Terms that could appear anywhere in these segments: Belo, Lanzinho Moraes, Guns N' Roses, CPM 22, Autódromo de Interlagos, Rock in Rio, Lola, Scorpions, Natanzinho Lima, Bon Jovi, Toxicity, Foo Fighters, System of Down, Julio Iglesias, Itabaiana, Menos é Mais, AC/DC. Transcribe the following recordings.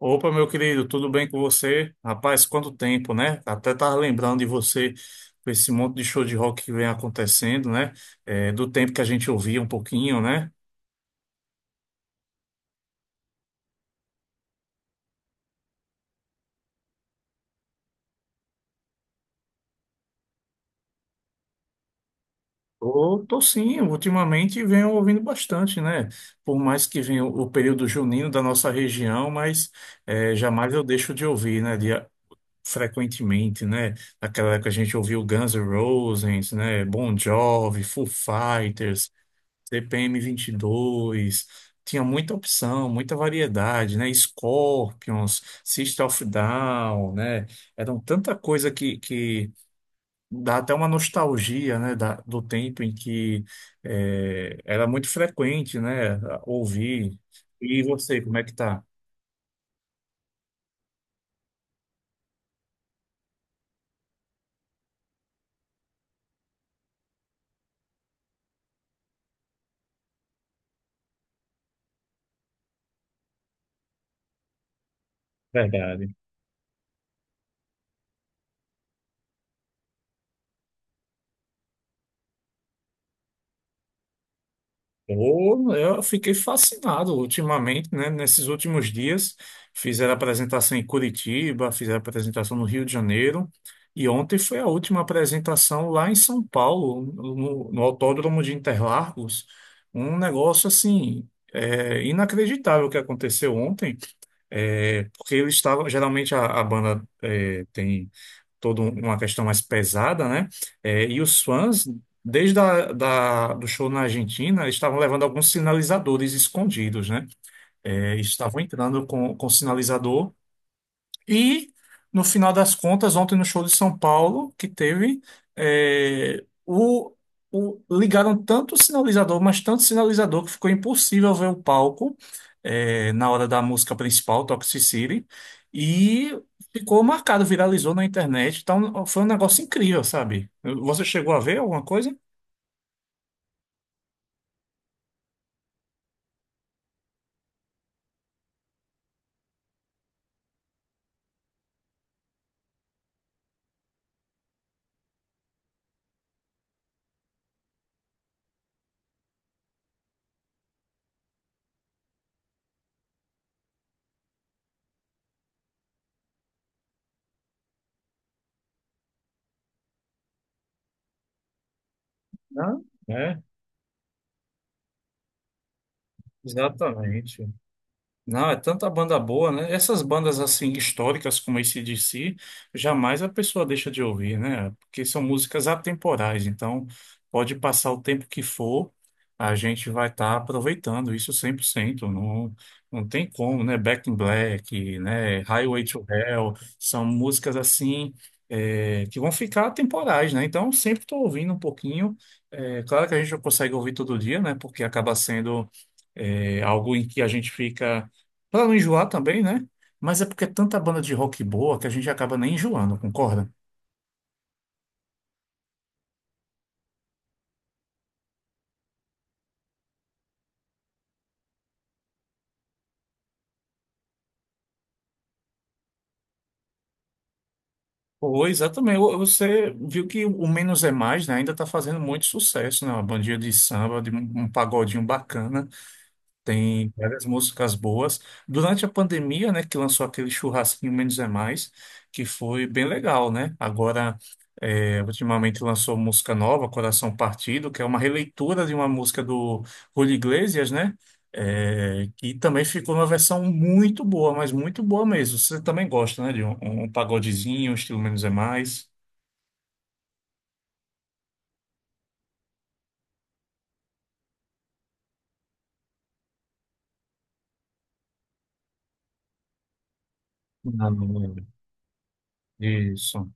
Opa, meu querido, tudo bem com você? Rapaz, quanto tempo, né? Até tava lembrando de você com esse monte de show de rock que vem acontecendo, né? É, do tempo que a gente ouvia um pouquinho, né? Tô sim, ultimamente venho ouvindo bastante, né? Por mais que venha o período junino da nossa região, mas é, jamais eu deixo de ouvir, né? De, frequentemente, né? Naquela época a gente ouviu Guns N' Roses, né? Bon Jovi, Foo Fighters. CPM 22, tinha muita opção, muita variedade, né? Scorpions, System of Down, né? Eram tanta coisa que dá até uma nostalgia, né? Do tempo em que era muito frequente, né? Ouvir. E você, como é que tá? Verdade. Pô, eu fiquei fascinado ultimamente, né? Nesses últimos dias, fizeram apresentação em Curitiba, fizeram apresentação no Rio de Janeiro, e ontem foi a última apresentação lá em São Paulo, no Autódromo de Interlagos. Um negócio assim, é, inacreditável que aconteceu ontem, é, porque eles estavam, geralmente a banda é, tem toda uma questão mais pesada, né? É, e os fãs, desde do show na Argentina, eles estavam levando alguns sinalizadores escondidos, né? É, estavam entrando com sinalizador e, no final das contas, ontem no show de São Paulo, que teve, é, ligaram tanto o sinalizador, mas tanto sinalizador, que ficou impossível ver o palco, é, na hora da música principal, Toxicity, e ficou marcado, viralizou na internet. Então, foi um negócio incrível, sabe? Você chegou a ver alguma coisa? Não, é, exatamente. Não, é tanta banda boa, né? Essas bandas assim históricas como AC/DC, jamais a pessoa deixa de ouvir, né? Porque são músicas atemporais, então pode passar o tempo que for, a gente vai estar aproveitando isso 100% não, não tem como, né? Back in Black, né? Highway to Hell, são músicas assim é, que vão ficar atemporais, né? Então sempre estou ouvindo um pouquinho. É, claro que a gente não consegue ouvir todo dia, né? Porque acaba sendo é, algo em que a gente fica pra não enjoar também, né? Mas é porque é tanta banda de rock boa que a gente acaba nem enjoando, concorda? Pois, exatamente. Você viu que o Menos é Mais, né? Ainda está fazendo muito sucesso, né? Uma bandinha de samba, de um pagodinho bacana. Tem várias músicas boas. Durante a pandemia, né? Que lançou aquele churrasquinho Menos é Mais, que foi bem legal, né? Agora. É, ultimamente lançou música nova, Coração Partido, que é uma releitura de uma música do Julio Iglesias, né? É, que também ficou uma versão muito boa, mas muito boa mesmo. Você também gosta, né? De um pagodezinho, um estilo menos é mais. Ah, não lembro. Isso.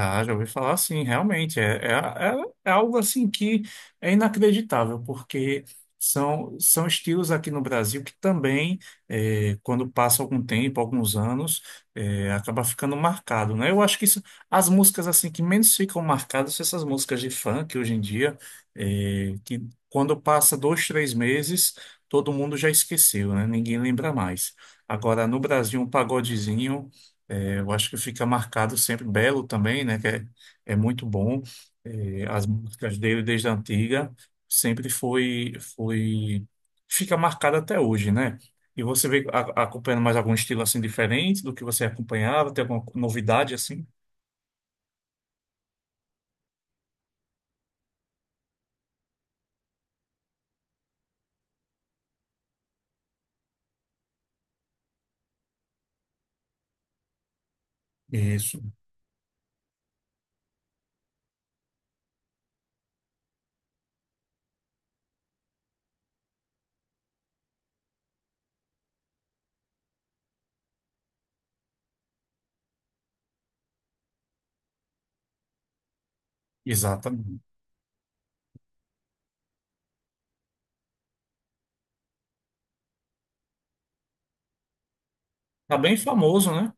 Ah, já ouvi falar assim, realmente. É, é algo assim que é inacreditável, porque são estilos aqui no Brasil que também, quando passa algum tempo, alguns anos, acaba ficando marcado, né? Eu acho que isso- As músicas assim que menos ficam marcadas são essas músicas de funk hoje em dia, que quando passa 2, 3 meses, todo mundo já esqueceu, né? Ninguém lembra mais. Agora, no Brasil, um pagodezinho. É, eu acho que fica marcado sempre Belo também, né? Que é, é muito bom. É, as músicas dele desde a antiga sempre foi, foi fica marcado até hoje, né? E você vem acompanhando mais algum estilo assim diferente do que você acompanhava? Tem alguma novidade assim? Isso, exatamente. Tá bem famoso, né?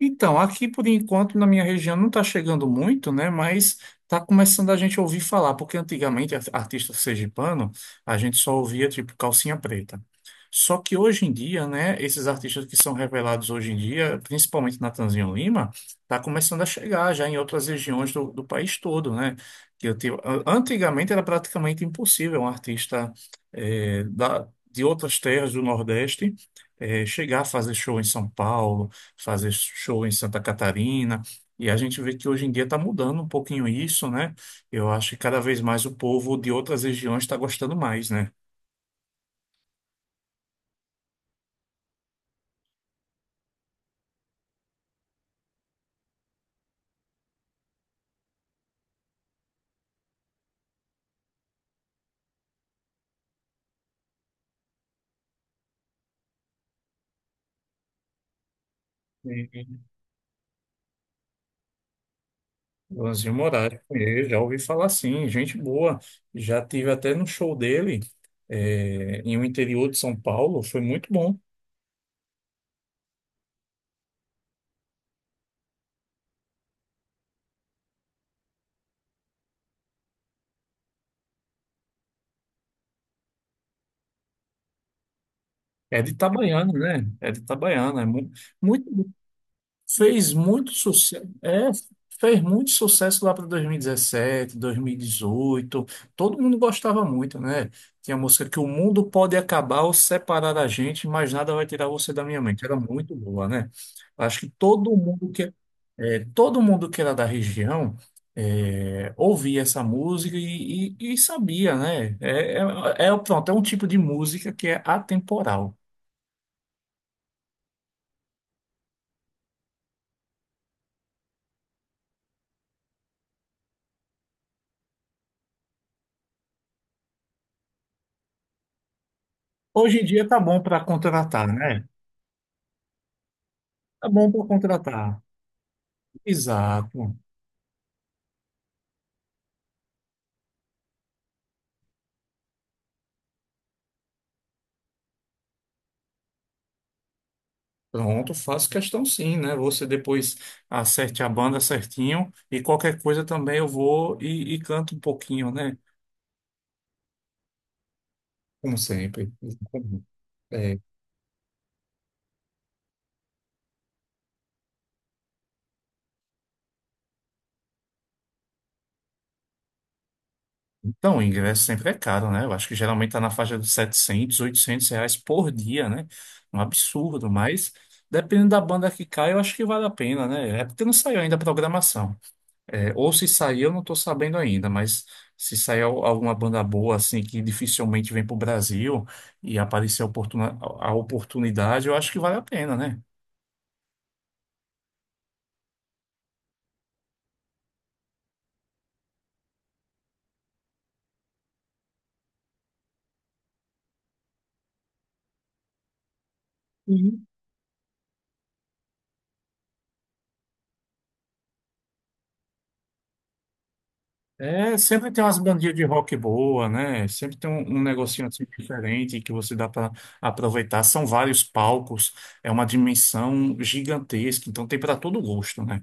Então, aqui por enquanto na minha região não está chegando muito, né? Mas está começando a gente ouvir falar, porque antigamente artista sergipano a gente só ouvia tipo calcinha preta. Só que hoje em dia, né? Esses artistas que são revelados hoje em dia, principalmente Natanzinho Lima, está começando a chegar já em outras regiões do país todo, né? Que eu tive- an- Antigamente era praticamente impossível um artista de outras terras do Nordeste chegar a fazer show em São Paulo, fazer show em Santa Catarina. E a gente vê que hoje em dia está mudando um pouquinho isso, né? Eu acho que cada vez mais o povo de outras regiões está gostando mais, né? Sim. Lanzinho Moraes, eu já ouvi falar assim, gente boa. Já tive até no show dele, é, em um interior de São Paulo, foi muito bom. É de Itabaiana, né? É de Itabaiana, muito, fez muito sucesso, é, fez muito sucesso lá para 2017, 2018. Todo mundo gostava muito, né? Tinha a música que o mundo pode acabar ou separar a gente, mas nada vai tirar você da minha mente. Era muito boa, né? Acho que todo mundo que era da região é, ouvia essa música e sabia, né? Pronto, é um tipo de música que é atemporal. Hoje em dia tá bom para contratar, né? Tá bom para contratar. Exato. Pronto, faço questão sim, né? Você depois acerte a banda certinho e qualquer coisa também eu vou e canto um pouquinho, né? Como sempre. É, então, o ingresso sempre é caro, né? Eu acho que geralmente está na faixa dos 700, 800 reais por dia, né? Um absurdo, mas dependendo da banda que cai, eu acho que vale a pena, né? É porque não saiu ainda a programação. É, ou se sair, eu não estou sabendo ainda, mas se sair alguma banda boa, assim, que dificilmente vem para o Brasil e aparecer a oportunidade, eu acho que vale a pena, né? É, sempre tem umas bandinhas de rock boa, né? Sempre tem um negocinho assim diferente que você dá para aproveitar. São vários palcos, é uma dimensão gigantesca, então tem para todo gosto, né?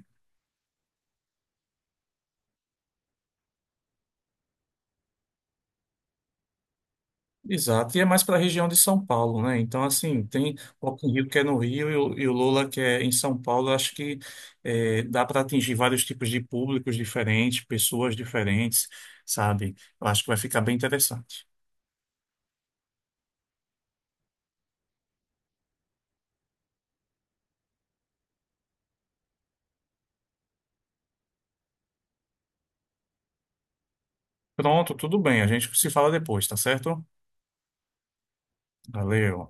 Exato, e é mais para a região de São Paulo, né? Então, assim, tem o Rock in Rio que é no Rio e o Lola que é em São Paulo. Eu acho que dá para atingir vários tipos de públicos diferentes, pessoas diferentes, sabe? Eu acho que vai ficar bem interessante. Pronto, tudo bem, a gente se fala depois, tá certo? Valeu.